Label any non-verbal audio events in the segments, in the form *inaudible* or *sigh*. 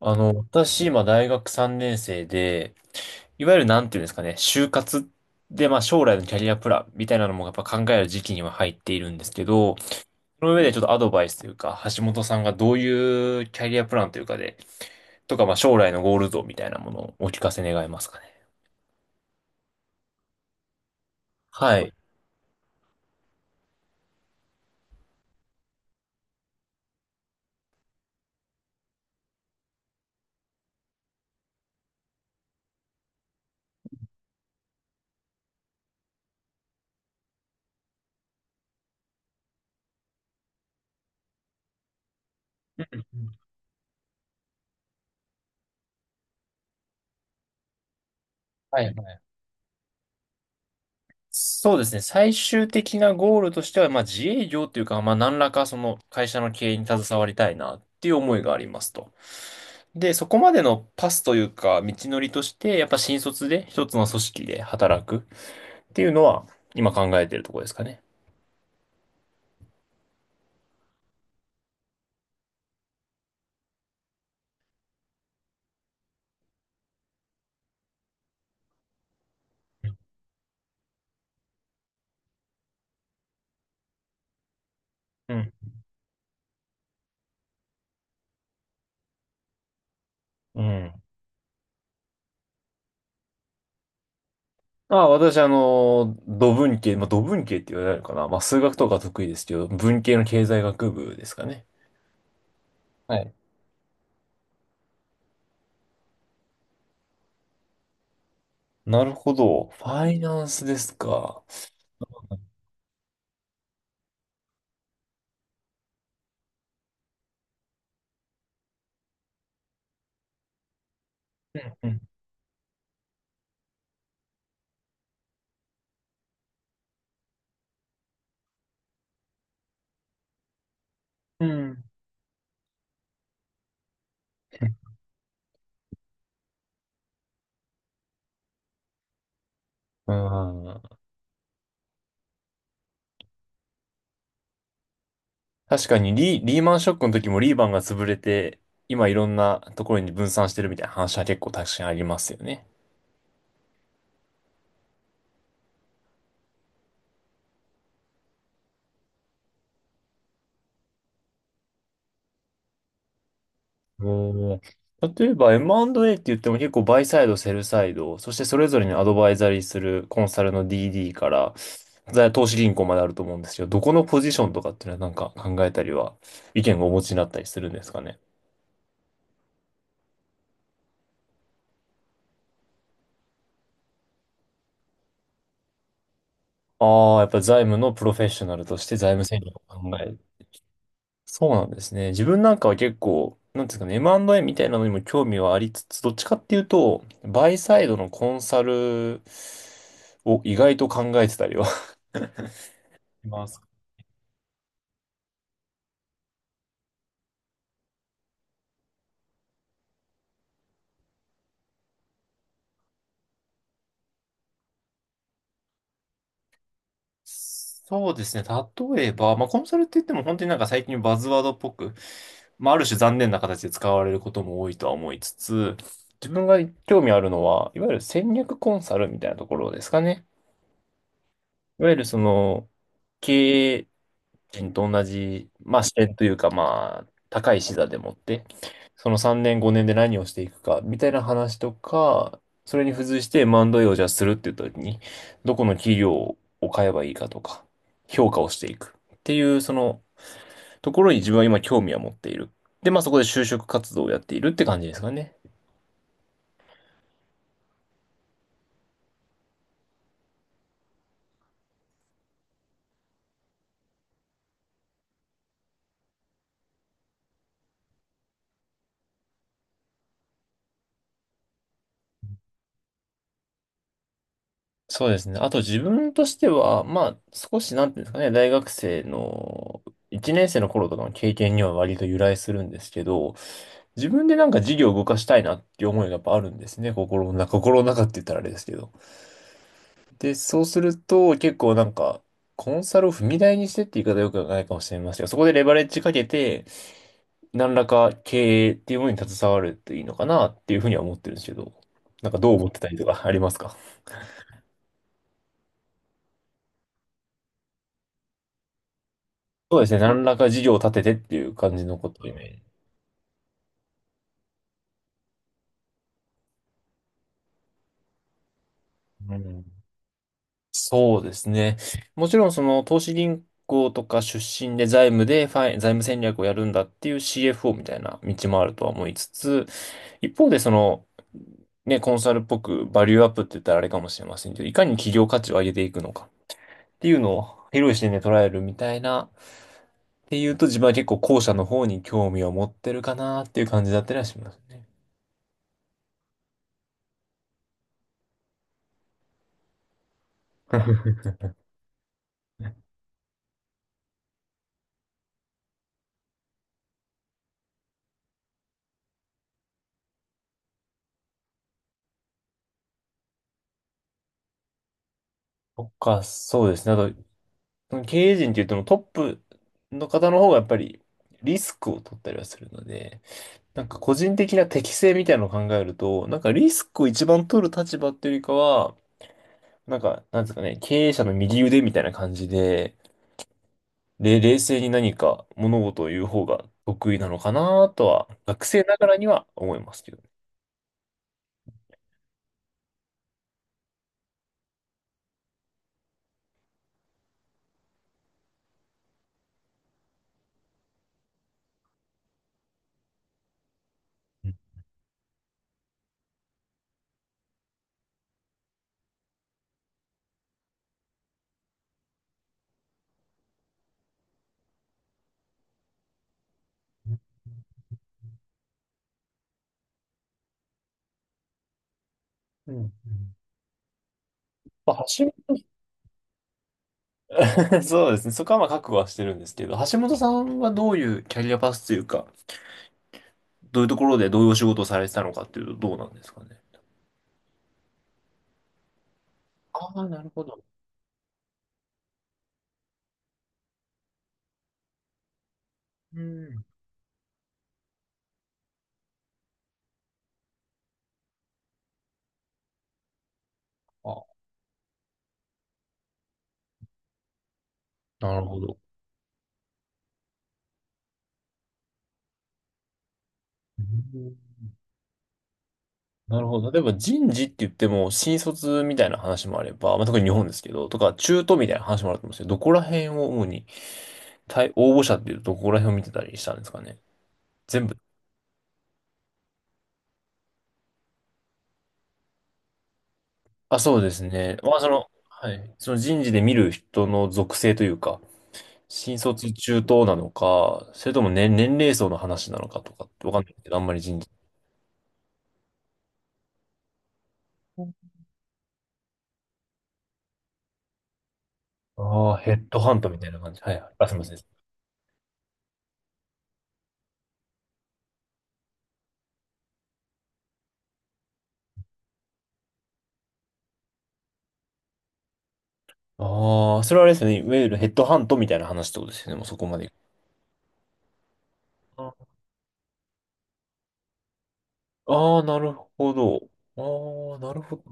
私、今、大学3年生で、いわゆるなんていうんですかね、就活で、まあ、将来のキャリアプランみたいなのもやっぱ考える時期には入っているんですけど、その上でちょっとアドバイスというか、橋本さんがどういうキャリアプランというかで、とか、まあ、将来のゴール像みたいなものをお聞かせ願えますかね。はい。うんうん。はいはい。そうですね。最終的なゴールとしては、まあ、自営業というか、まあ、何らかその会社の経営に携わりたいなっていう思いがありますと。で、そこまでのパスというか、道のりとして、やっぱ新卒で一つの組織で働くっていうのは、今考えてるところですかね。うん。うん。ああ、私、土文系、まあ、土文系って言われるかな。まあ、数学とか得意ですけど、文系の経済学部ですかね。はい。なるほど。ファイナンスですか。うんうん。うんうん。確かにリー、リーマンショックの時もリーマンが潰れて、今いろんなところに分散してるみたいな話は結構確かにありますよね。おー。例えば M&A って言っても結構バイサイド、セルサイド、そしてそれぞれにアドバイザリーするコンサルの DD から投資銀行まであると思うんですけど、どこのポジションとかっていうのはなんか考えたりは意見をお持ちになったりするんですかね。ああ、やっぱ財務のプロフェッショナルとして財務戦略を考える。そうなんですね。自分なんかは結構、なんていうんですかね、M&A みたいなのにも興味はありつつ、どっちかっていうと、バイサイドのコンサルを意外と考えてたりは *laughs* します。そうですね。例えば、まあ、コンサルって言っても本当になんか最近バズワードっぽく、まあ、ある種残念な形で使われることも多いとは思いつつ、自分が興味あるのは、いわゆる戦略コンサルみたいなところですかね。いわゆるその、経営人と同じ、まあ、視点というか、まあ、高い視座でもって、その3年、5年で何をしていくか、みたいな話とか、それに付随して M&A をじゃあするっていう時に、どこの企業を買えばいいかとか、評価をしていくっていう、そのところに自分は今興味は持っている。で、まあそこで就職活動をやっているって感じですかね。そうですね。あと自分としては、まあ少しなんていうんですかね、大学生の1年生の頃とかの経験には割と由来するんですけど、自分でなんか事業を動かしたいなっていう思いがやっぱあるんですね。心の中、心の中って言ったらあれですけど。で、そうすると結構なんか、コンサルを踏み台にしてって言い方よくないかもしれませんが、そこでレバレッジかけて、何らか経営っていうものに携わるといいのかなっていうふうには思ってるんですけど、なんかどう思ってたりとかありますか？そうですね。何らか事業を立ててっていう感じのことをイメージ。うん。そうですね。もちろんその投資銀行とか出身で財務でファイ、財務戦略をやるんだっていう CFO みたいな道もあるとは思いつつ、一方でその、ね、コンサルっぽくバリューアップって言ったらあれかもしれませんけど、いかに企業価値を上げていくのかっていうのを広い視点で捉えるみたいな、っていうと自分は結構後者の方に興味を持ってるかなっていう感じだったりはしますね。*laughs* とか、そうですね。あと経営陣って言ってもトップの方の方がやっぱりリスクを取ったりはするので、なんか個人的な適性みたいなのを考えると、なんかリスクを一番取る立場っていうよりかは、なんか、なんですかね、経営者の右腕みたいな感じで、冷静に何か物事を言う方が得意なのかなとは、学生ながらには思いますけどね。うんうん。まあ橋本 *laughs* そうですね。そこはまあ覚悟はしてるんですけど、橋本さんはどういうキャリアパスというか、どういうところでどういうお仕事をされてたのかっていうとどうなんですかね。ああ、なるほど。うん。あ、なるほど。うん。なるほど。例えば人事って言っても、新卒みたいな話もあれば、まあ、特に日本ですけど、とか中途みたいな話もあると思うんですけど、どこら辺を主に、対応募者っていうとどこら辺を見てたりしたんですかね。全部。あ、そうですね。まあ、その、はい。その人事で見る人の属性というか、新卒中等なのか、それとも年齢層の話なのかとかってわかんないけど、あんまり人、ああ、ヘッドハントみたいな感じ。はいはい。あ、すみません。ああ、それはあれですよね。いわゆるヘッドハントみたいな話ってことですよね。もうそこまで。ああー、なるほど。ああ、なるほど。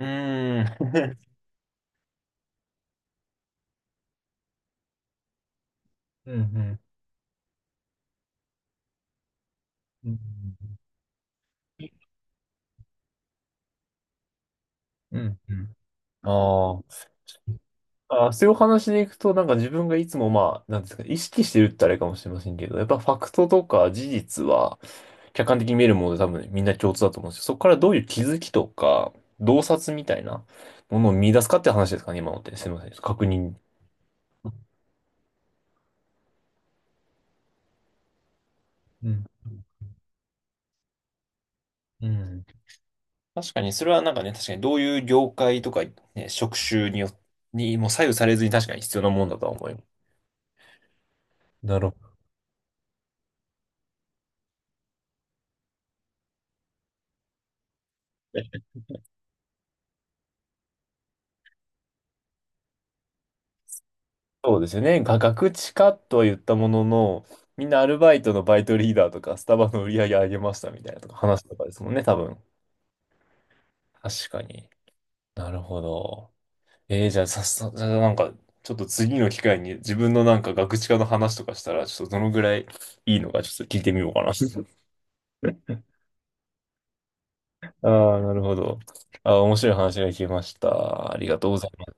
うーん。*laughs* うん、うん。うん、うん。うんうん。ああ。あ、そういうお話でいくと、なんか自分がいつもまあ、なんですか、意識してるってあれかもしれませんけど、やっぱファクトとか事実は客観的に見えるもので多分みんな共通だと思うんですよ。そこからどういう気づきとか、洞察みたいなものを見出すかって話ですかね、今のって。すみません。確認。うん。うん。確かに、それはなんかね、確かにどういう業界とか、ね、職種によ、にも左右されずに確かに必要なもんだとは思います。なるほど。そうですよね。ガクチカとは言ったものの、みんなアルバイトのバイトリーダーとか、スタバの売り上げ上げましたみたいなとか、話とかですもんね、多分。確かに。なるほど。じゃあ、さっさ、じゃあなんか、ちょっと次の機会に自分のなんかガクチカの話とかしたら、ちょっとどのぐらいいいのかちょっと聞いてみようかな。*laughs* ああ、なるほど。ああ、面白い話が聞けました。ありがとうございます。